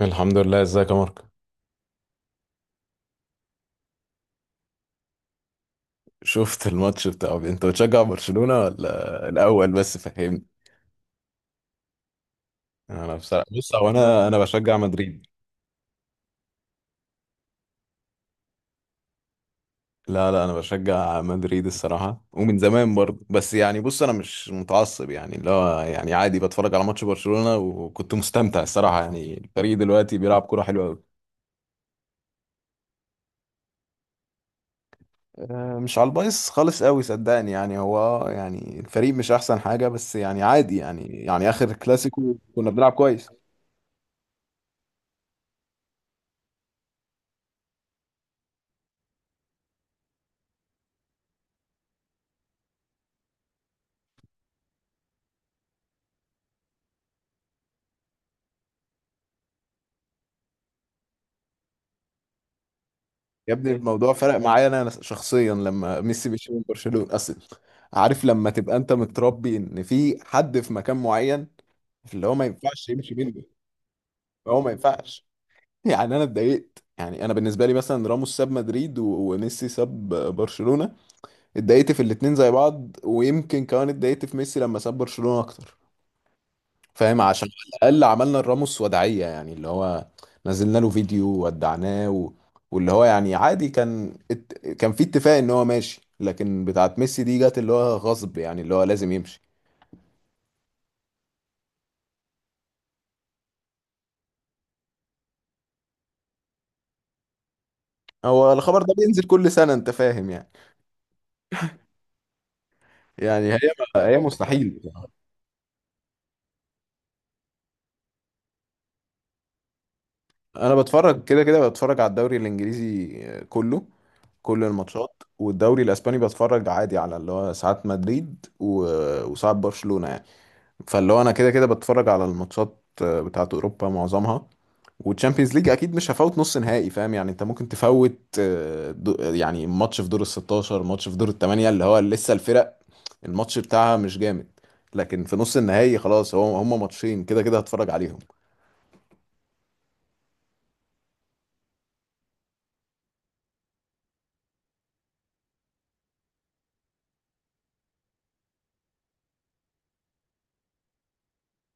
الحمد لله، ازيك يا مارك؟ شفت الماتش انت بتشجع برشلونة ولا الاول بس فهمني؟ انا بصراحة بص هو انا بشجع مدريد. لا لا، انا بشجع مدريد الصراحة ومن زمان برضه، بس يعني بص انا مش متعصب، يعني اللي هو يعني عادي بتفرج على ماتش برشلونة وكنت مستمتع الصراحة، يعني الفريق دلوقتي بيلعب كرة حلوة قوي. مش على البايظ خالص قوي صدقني، يعني هو يعني الفريق مش احسن حاجة، بس يعني عادي يعني اخر كلاسيكو كنا بنلعب كويس. يا ابني الموضوع فرق معايا انا شخصيا لما ميسي مشي من برشلونة. اصل عارف لما تبقى انت متربي ان في حد في مكان معين، اللي هو ما ينفعش يمشي منه. هو ما ينفعش. يعني انا اتضايقت، يعني انا بالنسبه لي مثلا راموس ساب مدريد وميسي ساب برشلونه. اتضايقت في الاتنين زي بعض، ويمكن كمان اتضايقت في ميسي لما ساب برشلونه اكتر، فاهم؟ عشان على الاقل عملنا الراموس وداعيه، يعني اللي هو نزلنا له فيديو وودعناه واللي هو يعني عادي كان كان في اتفاق ان هو ماشي، لكن بتاعت ميسي دي جت، اللي هو غصب يعني اللي هو لازم يمشي. هو الخبر ده بينزل كل سنه، انت فاهم يعني. يعني هي مستحيل. انا بتفرج كده كده، بتفرج على الدوري الانجليزي كله، كل الماتشات، والدوري الاسباني بتفرج عادي على اللي هو ساعات مدريد وساعات برشلونه يعني. فاللي هو انا كده كده بتفرج على الماتشات، بتاعت اوروبا معظمها، والتشامبيونز ليج اكيد مش هفوت نص نهائي فاهم يعني. انت ممكن تفوت يعني ماتش في دور ال 16، ماتش في دور الثمانية، اللي هو لسه الفرق الماتش بتاعها مش جامد، لكن في نص النهائي خلاص هو هم ماتشين كده كده هتفرج عليهم.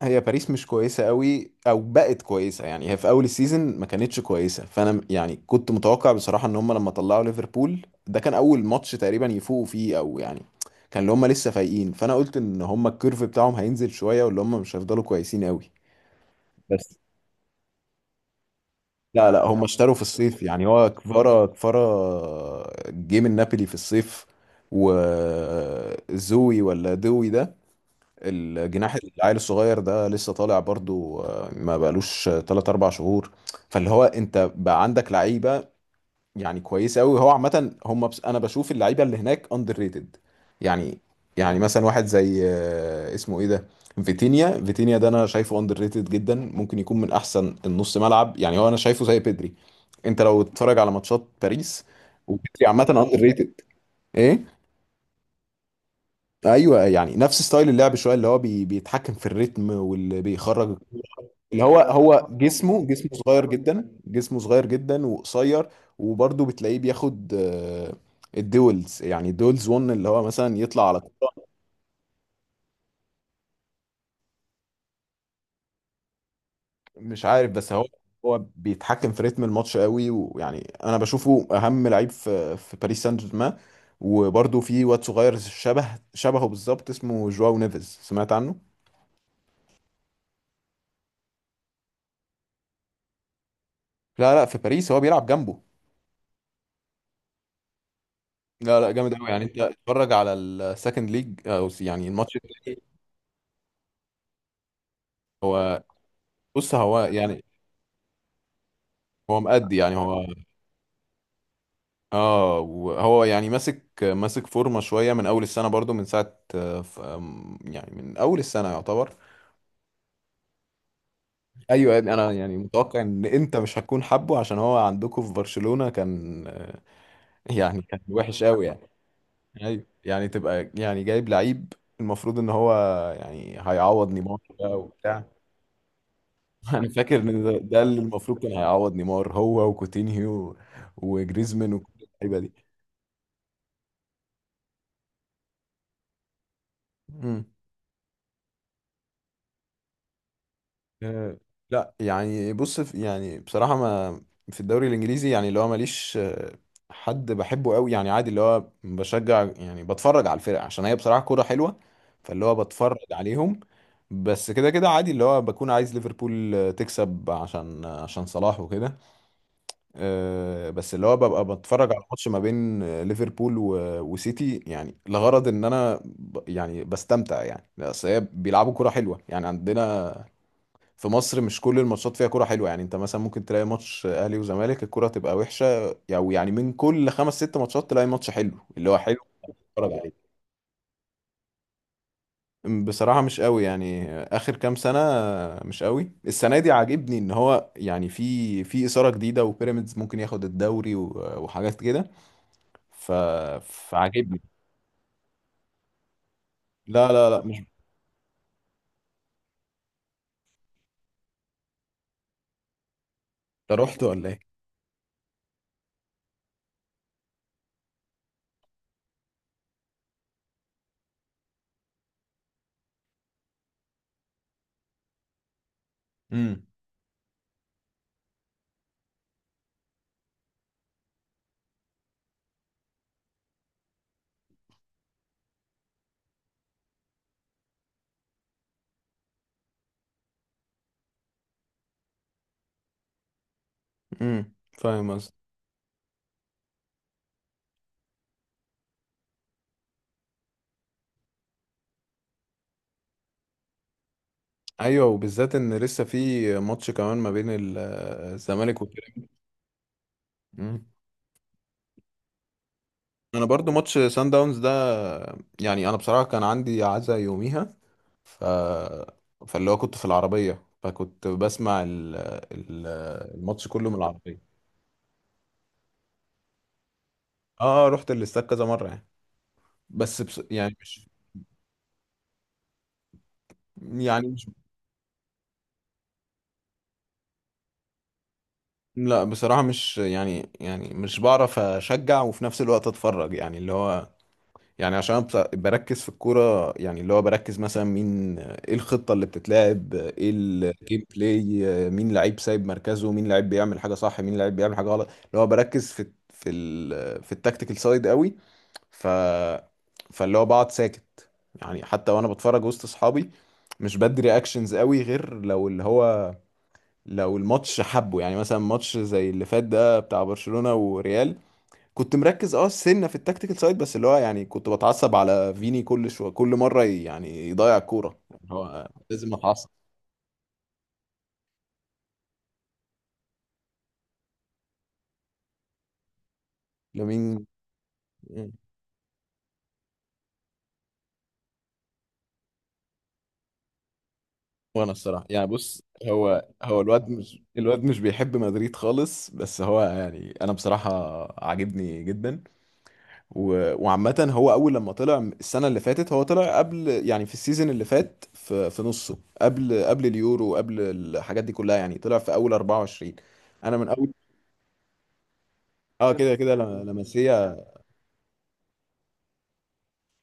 هي باريس مش كويسة قوي او بقت كويسة، يعني هي في اول السيزون ما كانتش كويسة. يعني كنت متوقع بصراحة ان هم لما طلعوا ليفربول ده كان اول ماتش تقريبا يفوقوا فيه، او يعني كان اللي هم لسه فايقين، فانا قلت ان هم الكيرف بتاعهم هينزل شوية واللي هم مش هيفضلوا كويسين قوي. بس لا لا، هم اشتروا في الصيف، يعني هو كفارا جه من نابولي في الصيف، وزوي ولا دوي ده الجناح العيل الصغير ده لسه طالع برضو. ما بقالوش 3 4 شهور. فاللي هو انت بقى عندك لعيبه يعني كويسه قوي، هو عامه هم. بس انا بشوف اللعيبه اللي هناك اندر ريتد يعني. يعني مثلا واحد زي اسمه ايه ده، فيتينيا. فيتينيا ده انا شايفه اندر ريتد جدا، ممكن يكون من احسن النص ملعب. يعني هو انا شايفه زي بيدري، انت لو تتفرج على ماتشات باريس. وبيدري عامه اندر ريتد. ايه؟ ايوه، يعني نفس ستايل اللعب شويه، اللي هو بيتحكم في الريتم واللي بيخرج. اللي هو هو جسمه صغير جدا، جسمه صغير جدا وقصير. وبرضه بتلاقيه بياخد الدولز، يعني دولز 1، اللي هو مثلا يطلع على طول. مش عارف بس هو هو بيتحكم في رتم الماتش قوي، ويعني انا بشوفه اهم لعيب في باريس سان جيرمان. وبرضه في واد صغير شبه، شبهه بالظبط، اسمه جواو نيفيز. سمعت عنه؟ لا لا، في باريس هو بيلعب جنبه. لا لا، جامد قوي، يعني انت اتفرج على السكند ليج يعني الماتش ده. هو بص هو يعني، هو مأدي يعني هو. اه وهو يعني ماسك فورمه شويه من اول السنه برضو من ساعه آه، ف- آم، يعني من اول السنه يعتبر. ايوه يا ابني انا يعني متوقع ان انت مش هتكون حابه عشان هو عندكم في برشلونه كان يعني كان وحش قوي يعني. ايوه يعني تبقى يعني جايب لعيب المفروض ان هو يعني هيعوض نيمار بقى وبتاع. انا فاكر ان ده اللي المفروض كان هيعوض نيمار، هو وكوتينيو وجريزمان، وكل اللعيبه دي. مم. آه، لا يعني بص يعني بصراحه ما في الدوري الانجليزي يعني اللي هو ماليش حد بحبه قوي يعني عادي. اللي هو بشجع يعني بتفرج على الفرق عشان هي بصراحه كوره حلوه، فاللي هو بتفرج عليهم بس. كده كده عادي اللي هو بكون عايز ليفربول تكسب عشان عشان صلاح وكده. بس اللي هو ببقى بتفرج على ماتش ما بين ليفربول وسيتي، يعني لغرض ان انا يعني بستمتع يعني. بس هي بيلعبوا كرة حلوة يعني. عندنا في مصر مش كل الماتشات فيها كرة حلوة، يعني انت مثلا ممكن تلاقي ماتش اهلي وزمالك الكرة تبقى وحشة، او يعني من كل خمس ست ماتشات تلاقي ماتش حلو اللي هو حلو تتفرج عليه. بصراحة مش قوي يعني آخر كام سنة مش قوي. السنة دي عاجبني إن هو يعني في في إثارة جديدة، وبيراميدز ممكن ياخد الدوري وحاجات كده، ف... فعاجبني. لا لا لا مش. ده رحت ولا ايه؟ امم. فاهم قصدي. ايوه، وبالذات ان لسه في ماتش كمان ما بين الزمالك وبيراميدز. مم. انا برضو ماتش سان داونز ده، يعني انا بصراحه كان عندي عزا يوميها. ف فاللي هو كنت في العربيه، فكنت بسمع ال... الماتش كله من العربيه. اه رحت الاستاد كذا مره يعني. بس بس يعني مش، يعني مش. لا بصراحة مش يعني، يعني مش بعرف أشجع وفي نفس الوقت أتفرج، يعني اللي هو يعني عشان بركز في الكورة. يعني اللي هو بركز مثلا مين، إيه الخطة اللي بتتلعب، إيه الجيم بلاي، مين لعيب سايب مركزه، مين لعيب بيعمل حاجة صح، مين لعيب بيعمل حاجة غلط. اللي هو بركز في ال في التكتيكال سايد قوي. ف فاللي هو بقعد ساكت، يعني حتى وأنا بتفرج وسط أصحابي مش بدي رياكشنز قوي غير لو اللي هو لو الماتش حبه، يعني مثلا ماتش زي اللي فات ده بتاع برشلونة وريال. كنت مركز اه سنة في التكتيكال سايد، بس اللي هو يعني كنت بتعصب على فيني كل شوية، كل مرة يعني يضيع الكورة، يعني هو لازم اتعصب. لمين؟ وانا الصراحة يعني بص، هو هو الواد، مش الواد مش بيحب مدريد خالص، بس هو يعني انا بصراحة عاجبني جدا. وعامة هو أول لما طلع السنة اللي فاتت، هو طلع قبل يعني في السيزون اللي فات في في نصه قبل قبل اليورو، قبل الحاجات دي كلها، يعني طلع في أول 24. أنا من أول، اه كده كده لمسيه.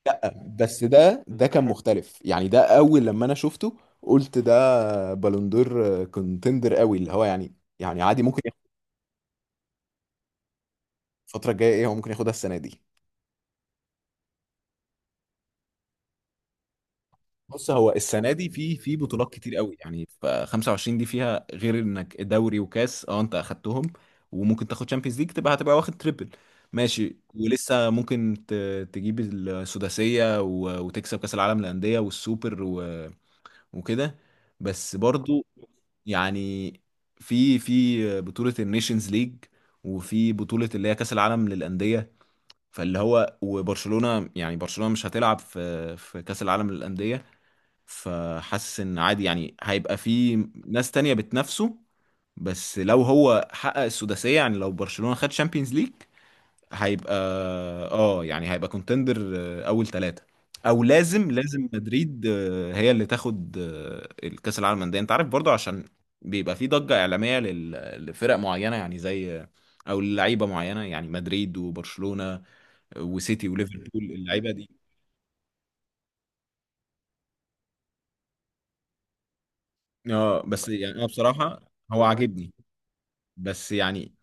لا بس ده كان مختلف، يعني ده أول لما أنا شفته قلت ده بالون دور كونتندر قوي، اللي هو يعني يعني عادي ممكن ياخد. الفترة الجاية إيه، هو ممكن ياخدها السنة دي. بص هو السنه دي في في بطولات كتير قوي، يعني ف 25 دي فيها، غير انك دوري وكاس اه انت اخدتهم، وممكن تاخد شامبيونز ليج تبقى هتبقى واخد تريبل. ماشي، ولسه ممكن تجيب السداسيه وتكسب كاس العالم للانديه والسوبر وكده. بس برضو يعني في في بطوله النيشنز ليج، وفي بطوله اللي هي كاس العالم للانديه، فاللي هو وبرشلونه يعني برشلونه مش هتلعب في في كاس العالم للانديه، فحاسس ان عادي يعني هيبقى في ناس تانية بتنافسه. بس لو هو حقق السداسية، يعني لو برشلونة خد شامبيونز ليج، هيبقى اه يعني هيبقى كونتندر اول ثلاثة. او لازم مدريد هي اللي تاخد الكاس العالم للانديه. انت عارف برضه عشان بيبقى في ضجة اعلامية لفرق معينة يعني زي، او لعيبة معينة يعني مدريد وبرشلونة وسيتي وليفربول، اللعيبة دي. اه بس يعني انا بصراحة هو عاجبني. بس يعني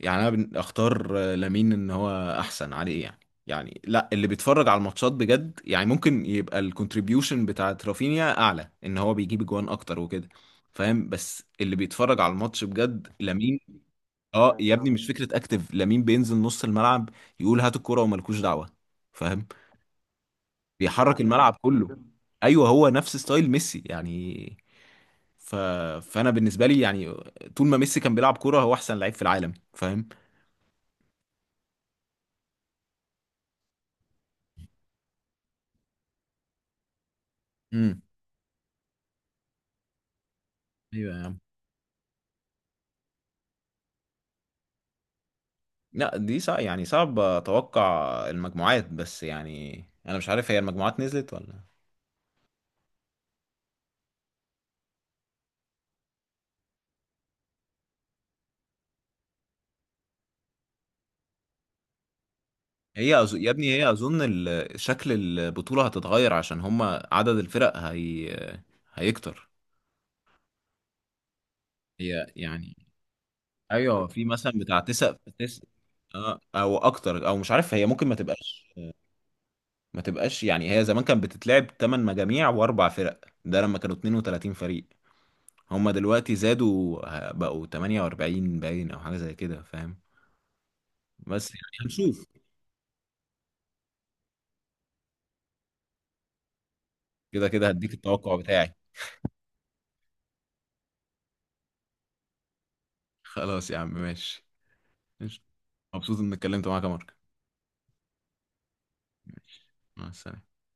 يعني انا اختار لامين ان هو احسن عليه يعني. يعني لا، اللي بيتفرج على الماتشات بجد يعني ممكن يبقى الكونتريبيوشن بتاعت رافينيا اعلى ان هو بيجيب جوان اكتر وكده فاهم، بس اللي بيتفرج على الماتش بجد لامين. اه يا ابني مش فكرة اكتف، لامين بينزل نص الملعب يقول هات الكرة وملكوش دعوة، فاهم؟ بيحرك الملعب كله. ايوه هو نفس ستايل ميسي يعني. ف... فانا بالنسبة لي يعني طول ما ميسي كان بيلعب كرة هو احسن لعيب في العالم، فاهم؟ امم. ايوه يا عم. لا دي صعب يعني صعب اتوقع المجموعات، بس يعني انا مش عارف هي المجموعات نزلت ولا. هي يا ابني هي اظن شكل البطولة هتتغير عشان هما عدد الفرق هي هيكتر. هي يعني ايوه في مثلا بتاع تسع، تس... آه، او اكتر او مش عارف هي ممكن ما تبقاش، يعني هي زمان كانت بتتلعب 8 مجاميع واربع فرق، ده لما كانوا 32 فريق. هما دلوقتي زادوا بقوا 48 باين، او حاجة زي كده فاهم. بس يعني هنشوف. كده كده هديك التوقع بتاعي. خلاص يا عم ماشي. ماشي. مبسوط اني اتكلمت معاك يا مارك. ماشي. مع السلامة.